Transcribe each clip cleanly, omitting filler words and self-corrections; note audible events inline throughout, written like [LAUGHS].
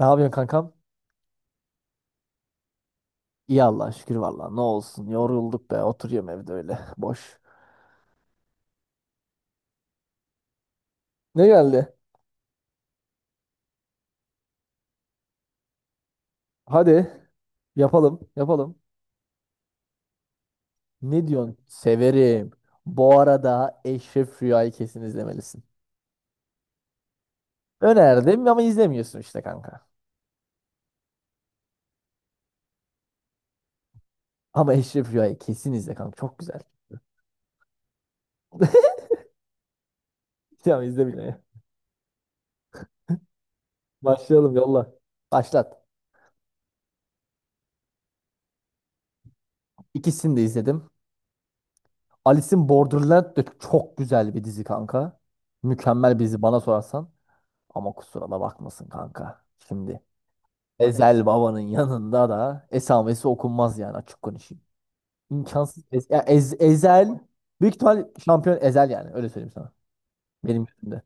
Ne yapıyorsun kankam? İyi Allah'a şükür valla. Ne olsun yorulduk be. Oturuyorum evde öyle [LAUGHS] boş. Ne geldi? Hadi yapalım, yapalım. Ne diyorsun? Severim. Bu arada Eşref Rüya'yı kesin izlemelisin. Önerdim ama izlemiyorsun işte kanka. Ama Eşref Rüya'yı kesin izle kanka. Çok güzel. [LAUGHS] Tamam, izle bile. Başlayalım, yolla. Başlat. İkisini de izledim. Alice'in Borderland de çok güzel bir dizi kanka. Mükemmel bir dizi bana sorarsan. Ama kusura da bakmasın kanka. Şimdi, evet. Ezel Baba'nın yanında da esamesi okunmaz yani açık konuşayım. İmkansız. Ezel büyük ihtimal şampiyon Ezel yani öyle söyleyeyim sana. Benim gözümde.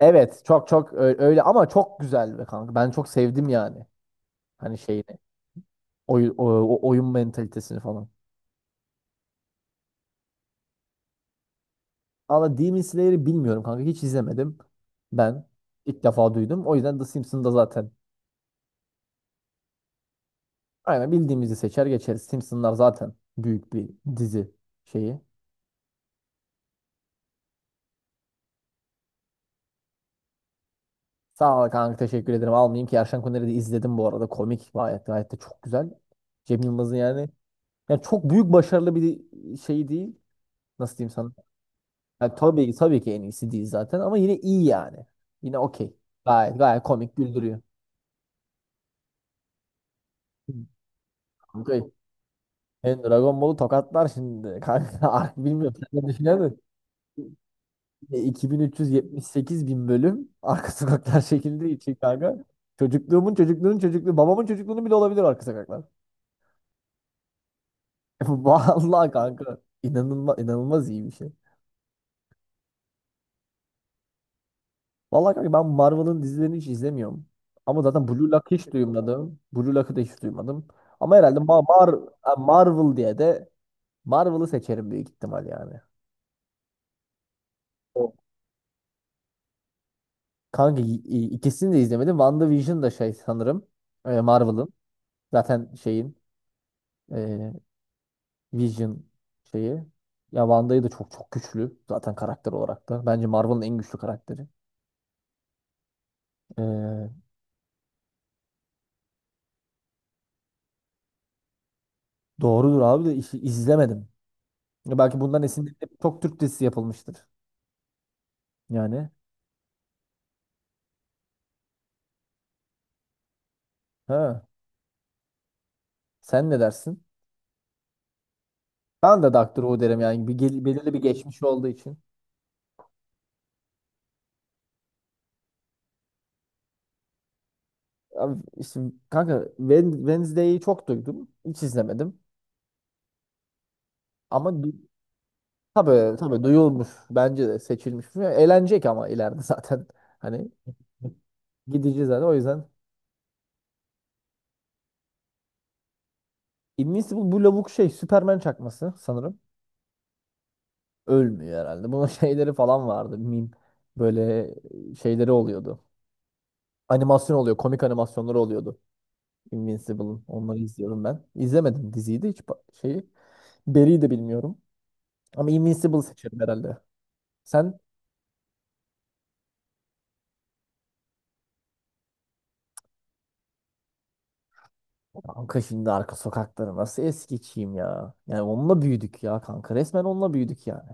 Evet, öyle ama çok güzel be kanka. Ben çok sevdim yani. Hani şeyini. Oy, o oyun mentalitesini falan. Ama Demon Slayer'ı bilmiyorum kanka. Hiç izlemedim. Ben ilk defa duydum. O yüzden The Simpsons'da zaten aynen bildiğimizi seçer geçeriz. Simpsons'lar zaten büyük bir dizi şeyi. Sağ ol kanka, teşekkür ederim. Almayayım ki, Erşen Kuner'i de izledim bu arada. Komik, gayet gayet de çok güzel. Cem Yılmaz'ın yani, yani çok büyük başarılı bir şey değil. Nasıl diyeyim sana? Yani tabii ki, tabii ki en iyisi değil zaten ama yine iyi yani. Yine okey. Gayet gayet komik, güldürüyor. Kanka, ben Dragon Ball'u tokatlar şimdi. Kanka [LAUGHS] bilmiyorum, sen ne düşünüyorsun? 2378 bin üç yüz yetmiş sekiz bin bölüm arka sokaklar [LAUGHS] şekilde için kanka. Çocukluğumun, çocukluğunun çocukluğu, babamın çocukluğunu bile olabilir arka sokaklar. [LAUGHS] Vallahi kanka, inanılmaz inanılmaz iyi bir şey. Vallahi kanka, ben Marvel'ın dizilerini hiç izlemiyorum. Ama zaten Blue Lock'ı hiç duymadım. Ama herhalde Marvel diye de Marvel'ı seçerim büyük ihtimal yani. O. Kanka ikisini de izlemedim. WandaVision da şey sanırım, Marvel'ın. Zaten şeyin, e, Vision şeyi. Ya Wanda'yı da çok çok güçlü zaten karakter olarak da. Bence Marvel'ın en güçlü karakteri. E, doğrudur abi de işi izlemedim. Ya belki bundan esinlenip çok Türk dizisi yapılmıştır. Yani. Ha. Sen ne dersin? Ben de Doctor Who derim yani. Bir, belirli bir geçmiş olduğu için. Abi işte kanka Wednesday'i çok duydum. Hiç izlemedim. Ama du- tabii tabii duyulmuş. Bence de seçilmiş. Eğlenecek ama ileride [LAUGHS] zaten. Hani gideceğiz zaten. O yüzden Invincible bu lavuk şey Superman çakması sanırım. Ölmüyor herhalde. Bunun [LAUGHS] şeyleri falan vardı. Meme. Böyle şeyleri oluyordu. Animasyon oluyor. Komik animasyonları oluyordu. Invincible'ın. Onları izliyorum ben. İzlemedim diziyi de hiç şeyi. Barry'i de bilmiyorum. Ama Invincible seçerim herhalde. Sen kanka, şimdi arka sokakları nasıl es geçeyim ya. Yani onunla büyüdük ya kanka. Resmen onunla büyüdük yani.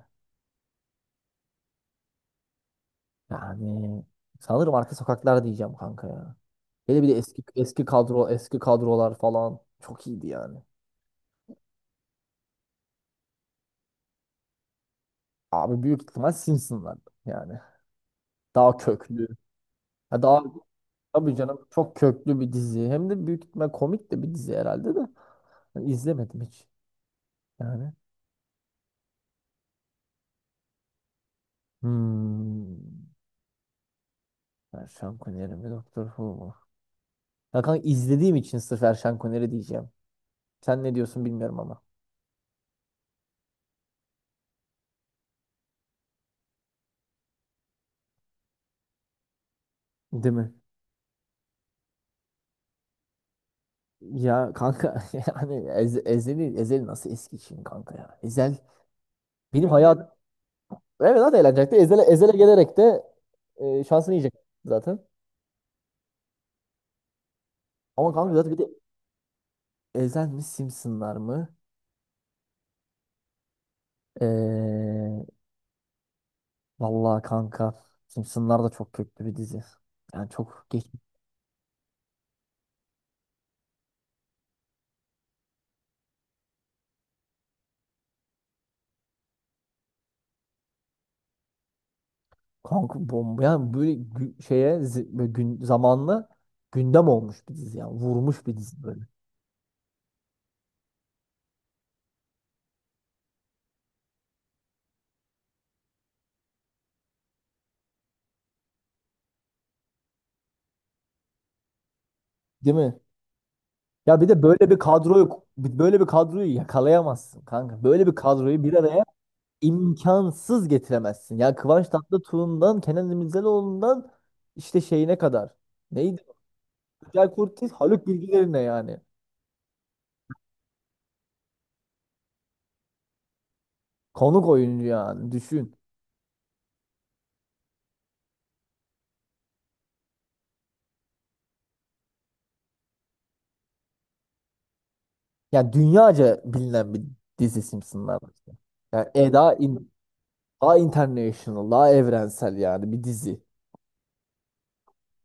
Yani sanırım arka sokaklar diyeceğim kanka ya. Hele bir de eski eski kadro, eski kadrolar falan çok iyiydi yani. Abi büyük ihtimal Simpsonlar yani. Daha köklü. Ya daha, tabii canım çok köklü bir dizi. Hem de büyük ihtimal komik de bir dizi herhalde de. Ben izlemedim hiç. Yani. Hmm. Erşan Kuneri mi, Doktor Who mu? Ya kanka, izlediğim için sırf Erşan Kuneri diyeceğim. Sen ne diyorsun bilmiyorum ama. Değil mi? Ya kanka [LAUGHS] yani Ezel'i, Ezel nasıl eski için kanka ya. Ezel benim hayat, evet zaten eğlenecekti. Ezel'e gelerek de, şansını yiyecek zaten. Ama kanka aynen, zaten bir de Ezel mi Simpsonlar mı? Ee, Vallahi kanka, Simpsonlar da çok köklü bir dizi. Yani çok geç kanka, bomba yani, böyle böyle gün zamanlı gündem olmuş bir dizi, yani vurmuş bir dizi böyle. Değil mi? Ya bir de böyle bir kadroyu yakalayamazsın kanka. Böyle bir kadroyu bir araya imkansız getiremezsin. Ya Kıvanç Tatlıtuğ'undan Kenan İmirzalıoğlu'ndan işte şeyine kadar. Neydi? Güzel Kurtiz, Haluk Bilgilerine yani. Konuk oyuncu yani, düşün. Yani dünyaca bilinen bir dizi Simpsonlar. İşte. Yani daha, daha international, daha evrensel yani bir dizi.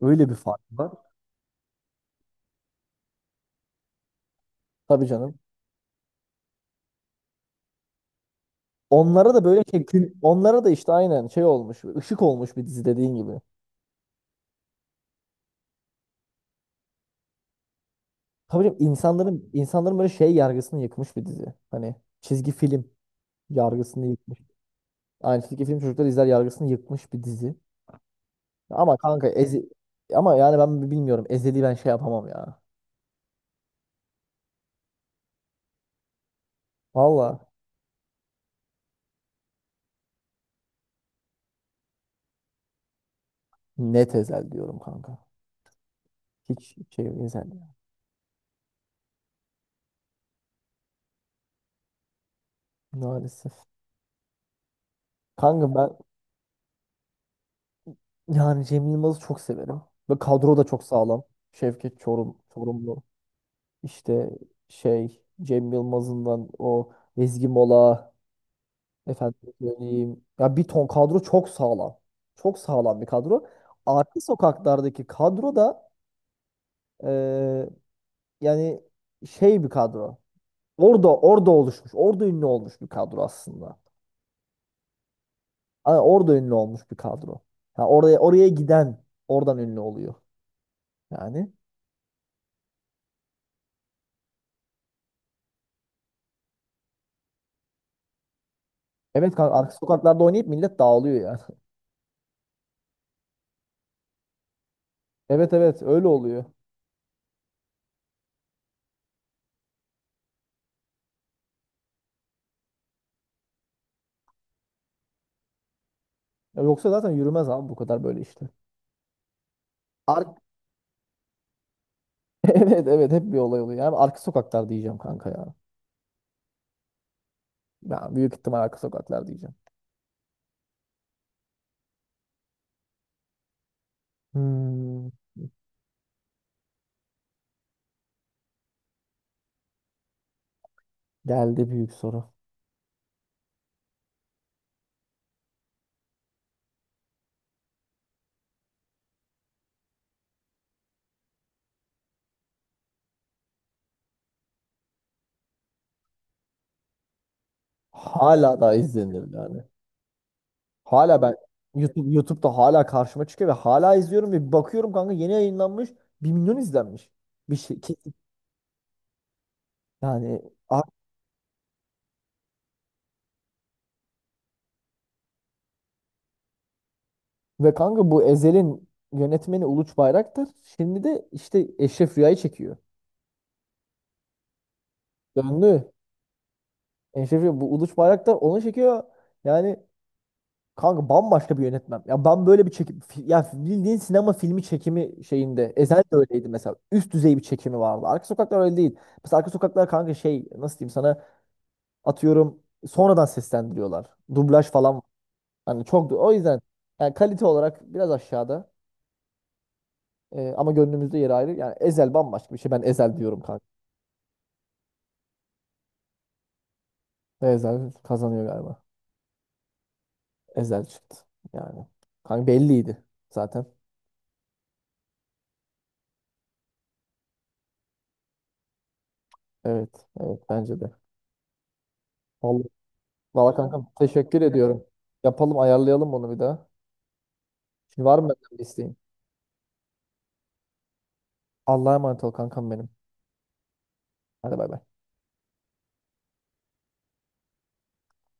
Öyle bir fark var. Tabii canım. Onlara da böyle şey, onlara da işte aynen şey olmuş, ışık olmuş bir dizi dediğin gibi. Tabii canım, insanların böyle şey yargısını yıkmış bir dizi. Hani çizgi film yargısını yıkmış. Aynı çizgi film çocuklar izler yargısını yıkmış bir dizi. Ama kanka ezi, ama yani ben bilmiyorum. Ezeli ben şey yapamam ya. Valla, net Ezel diyorum kanka. Hiç şey özel ya. Maalesef. Kanka ben yani Cem Yılmaz'ı çok severim. Ve kadro da çok sağlam. Şevket Çorum, Çorumlu. İşte şey, Cem Yılmaz'ından o Ezgi Mola. Efendim söyleyeyim. Ya bir ton kadro çok sağlam. Çok sağlam bir kadro. Arka sokaklardaki kadro da, eee, yani şey bir kadro. Orada oluşmuş. Orada ünlü olmuş bir kadro aslında. Ama orada ünlü olmuş bir kadro. Ha, oraya giden oradan ünlü oluyor. Yani. Evet kanka, arka sokaklarda oynayıp millet dağılıyor yani. [LAUGHS] Evet evet, öyle oluyor. Ya yoksa zaten yürümez abi, bu kadar böyle işte. Ar [LAUGHS] evet evet, hep bir olay oluyor. Yani arka sokaklar diyeceğim kanka ya. Ya büyük ihtimal arka sokaklar diyeceğim. Hmm, geldi büyük soru. Hala da izlenir yani. Hala ben YouTube'da hala karşıma çıkıyor ve hala izliyorum ve bir bakıyorum kanka, yeni yayınlanmış, 1 milyon izlenmiş. Bir şey. Yani a- ve kanka, bu Ezel'in yönetmeni Uluç Bayraktar şimdi de işte Eşref Rüya'yı çekiyor. Döndü. Eşref Rüya, bu Uluç Bayraktar onu çekiyor. Yani kanka bambaşka bir yönetmen. Ya ben böyle bir ya bildiğin sinema filmi çekimi şeyinde Ezel de öyleydi mesela. Üst düzey bir çekimi vardı. Arka Sokaklar öyle değil. Mesela Arka Sokaklar kanka şey, nasıl diyeyim sana, atıyorum, sonradan seslendiriyorlar. Dublaj falan. Hani çok, o yüzden yani kalite olarak biraz aşağıda. Ama gönlümüzde yeri ayrı. Yani Ezel bambaşka bir şey. Ben Ezel diyorum kanka. Ezel kazanıyor galiba. Ezel çıktı. Yani. Kanka belliydi zaten. Evet. Evet bence de. Vallahi, vallahi kankam, teşekkür ediyorum. Yapalım, ayarlayalım bunu bir daha. Şimdi var mı benden bir isteğin? Allah'a emanet ol kankam benim. Hadi bay bay.